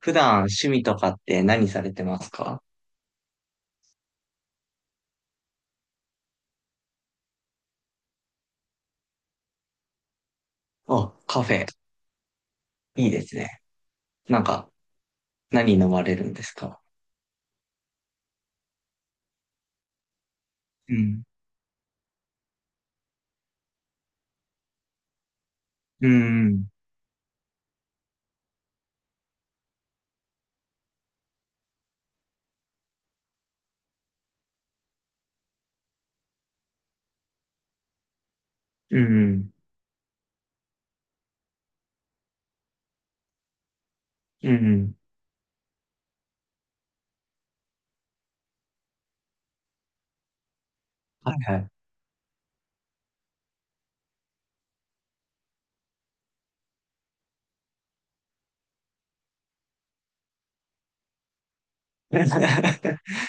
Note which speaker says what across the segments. Speaker 1: 普段趣味とかって何されてますか？あ、カフェ。いいですね。なんか、何飲まれるんですか？うん。うん。うん。うん。はいはい。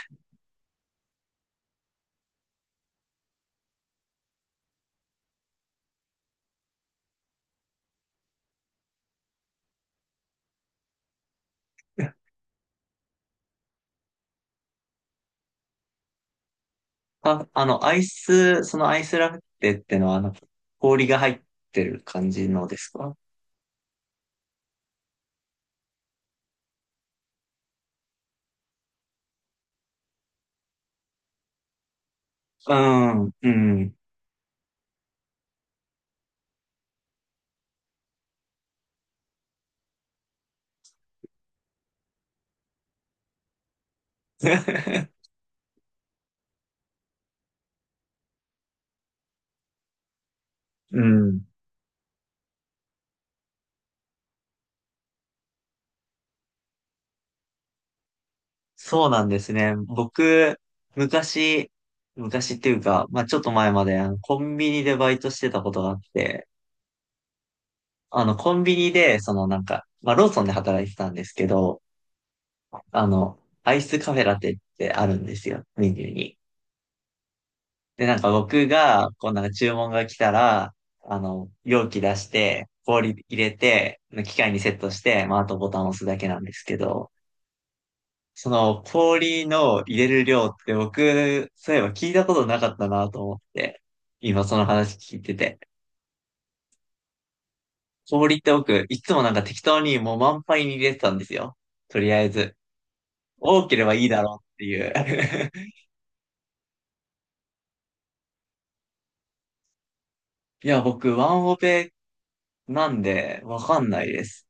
Speaker 1: アイス、そのアイスラフテってのは、氷が入ってる感じのですか？うん。うん。うん。そうなんですね。僕、昔、昔っていうか、まあ、ちょっと前まで、コンビニでバイトしてたことがあって、コンビニで、まあ、ローソンで働いてたんですけど、あの、アイスカフェラテってあるんですよ、メニューに。で、僕が、注文が来たら、容器出して、氷入れて、機械にセットして、まあ、あとボタンを押すだけなんですけど、その氷の入れる量って僕、そういえば聞いたことなかったなと思って、今その話聞いてて。氷って僕、いつも適当にもう満杯に入れてたんですよ。とりあえず。多ければいいだろうっていう。いや、僕、ワンオペなんで、わかんないです。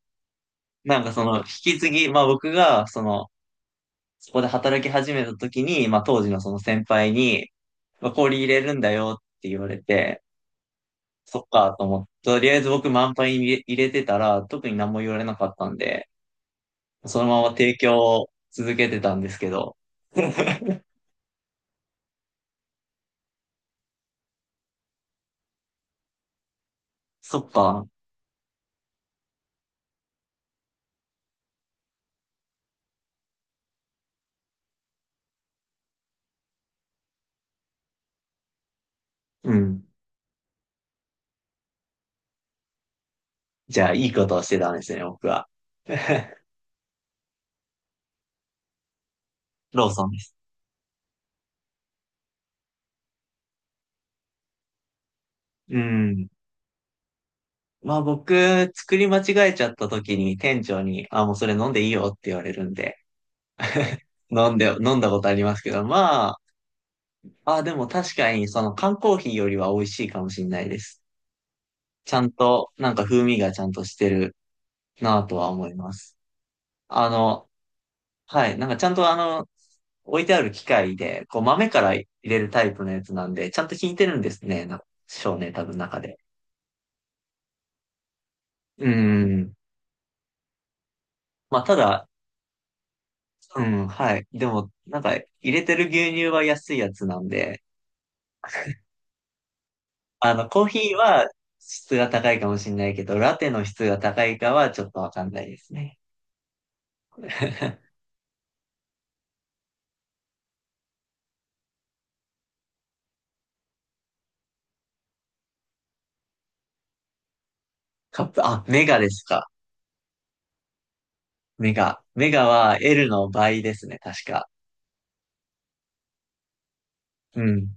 Speaker 1: 引き継ぎ、まあ僕が、その、そこで働き始めた時に、まあ当時のその先輩に、まあ、氷入れるんだよって言われて、そっかと思って、とりあえず僕満杯に入れてたら、特に何も言われなかったんで、そのまま提供を続けてたんですけど、そっか、うん。じゃあ、いいことをしてたんですね、僕は。ローソンです。うん。まあ僕、作り間違えちゃった時に店長に、あ、もうそれ飲んでいいよって言われるんで、飲んで、飲んだことありますけど、まあ、でも確かにその缶コーヒーよりは美味しいかもしれないです。ちゃんと、風味がちゃんとしてるなぁとは思います。あの、はい、ちゃんと置いてある機械で、こう豆から入れるタイプのやつなんで、ちゃんと引いてるんですね、な少年多分中で。うん。まあ、ただ、うん、はい。でも、入れてる牛乳は安いやつなんで、コーヒーは質が高いかもしれないけど、ラテの質が高いかはちょっとわかんないですね。カップ、あ、メガですか。メガ。メガは L の倍ですね、確か。うん。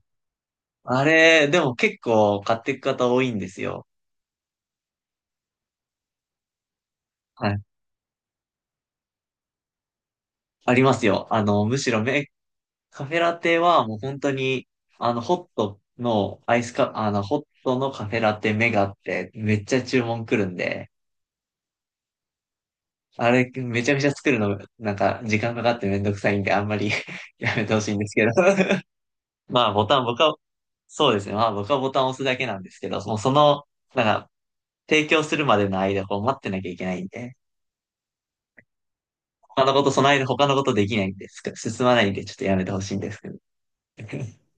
Speaker 1: あれ、でも結構買っていく方多いんですよ。はい。ありますよ。あの、むしろメ、カフェラテはもう本当に、ホットのカフェラテメガってめっちゃ注文来るんで、あれ、めちゃめちゃ作るの、時間かかってめんどくさいんで、あんまり やめてほしいんですけど。まあ、ボタン、僕は、そうですね。まあ、僕はボタンを押すだけなんですけど、もうその、なんか、提供するまでの間、こう、待ってなきゃいけないんで、他のことできないんです。進まないんで、ちょっとやめてほしいんですけど。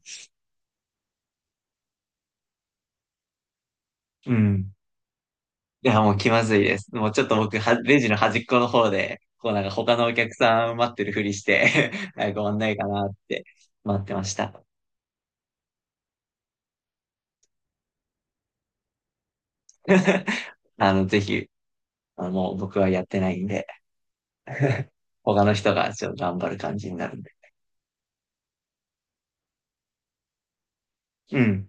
Speaker 1: うん。いや、もう気まずいです。もうちょっと僕、は、レジの端っこの方で、他のお客さん待ってるふりして ご案内かなって待ってました。あの、ぜひあのもう僕はやってないんで、他の人がちょっと頑張る感じになるんで。うん。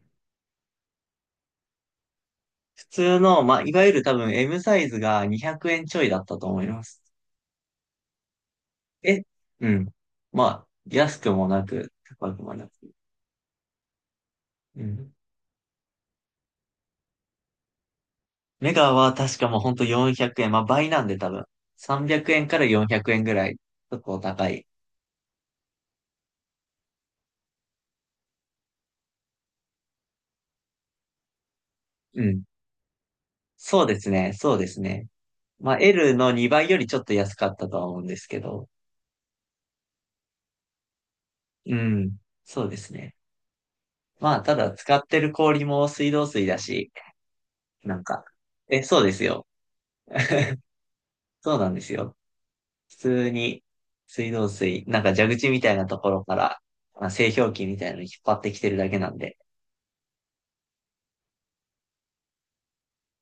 Speaker 1: 普通の、まあ、いわゆる多分 M サイズが200円ちょいだったと思います。え、うん。まあ、安くもなく、高くもなく。うん。メガは確かもうほんと400円。まあ、倍なんで多分。300円から400円ぐらい。結構高い。うん。そうですね。そうですね。まあ、L の2倍よりちょっと安かったとは思うんですけど。うん。そうですね。まあ、ただ使ってる氷も水道水だし、なんか、え、そうですよ。そうなんですよ。普通に水道水、蛇口みたいなところから、まあ、製氷機みたいなのに引っ張ってきてるだけなんで。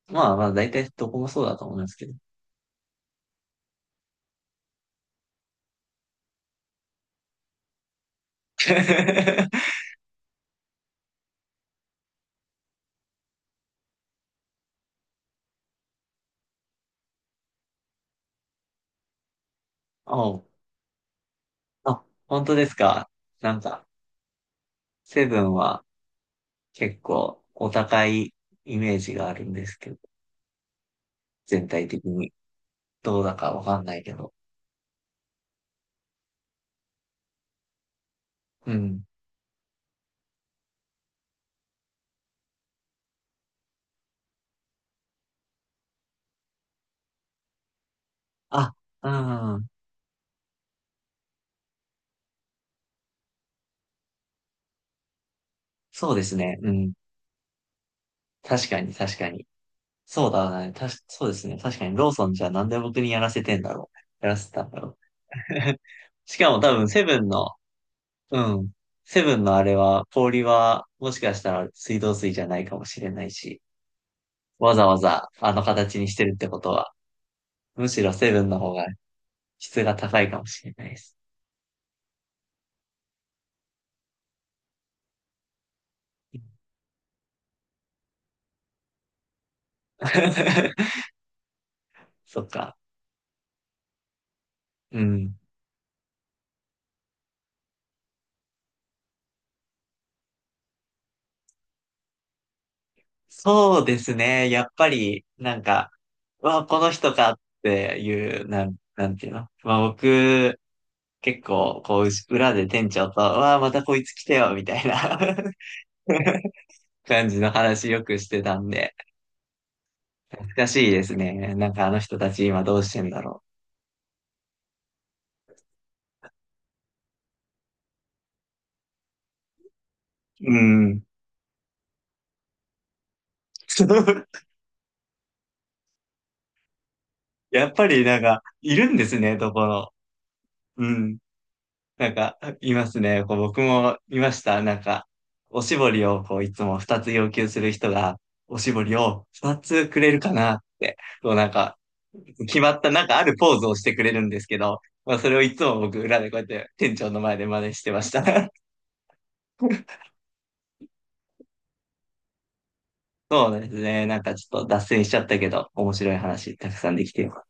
Speaker 1: まあまあ、大体どこもそうだと思いますけど。お、あ、本当ですか。なんか、セブンは結構お高いイメージがあるんですけど、全体的にどうだかわかんないけど。うん。あ、うん、そうですね。うん。確かに、確かに。そうだね。たし、そうですね。確かに、ローソンじゃなんで僕にやらせてんだろうね。やらせたんだろう。しかも多分、セブンの、うん。セブンのあれは、氷は、もしかしたら水道水じゃないかもしれないし、わざわざあの形にしてるってことは、むしろセブンの方が質が高いかもしれないです。そっか。うん。そうですね。やっぱり、うわ、この人かっていう、なんていうの。まあ僕、結構、こう、裏で店長と、うわ、またこいつ来てよ、みたいな 感じの話よくしてたんで、懐かしいですね。なんかあの人たち今どうしてんだろう。うん。やっぱりなんか、いるんですね、どこの。うん。なんか、いますね。こう僕もいました。おしぼりをこういつも2つ要求する人が、おしぼりを2つくれるかなって、こうなんか、決まったなんかあるポーズをしてくれるんですけど、まあそれをいつも僕裏でこうやって店長の前で真似してました。そうですね。なんかちょっと脱線しちゃったけど、面白い話たくさんできてよ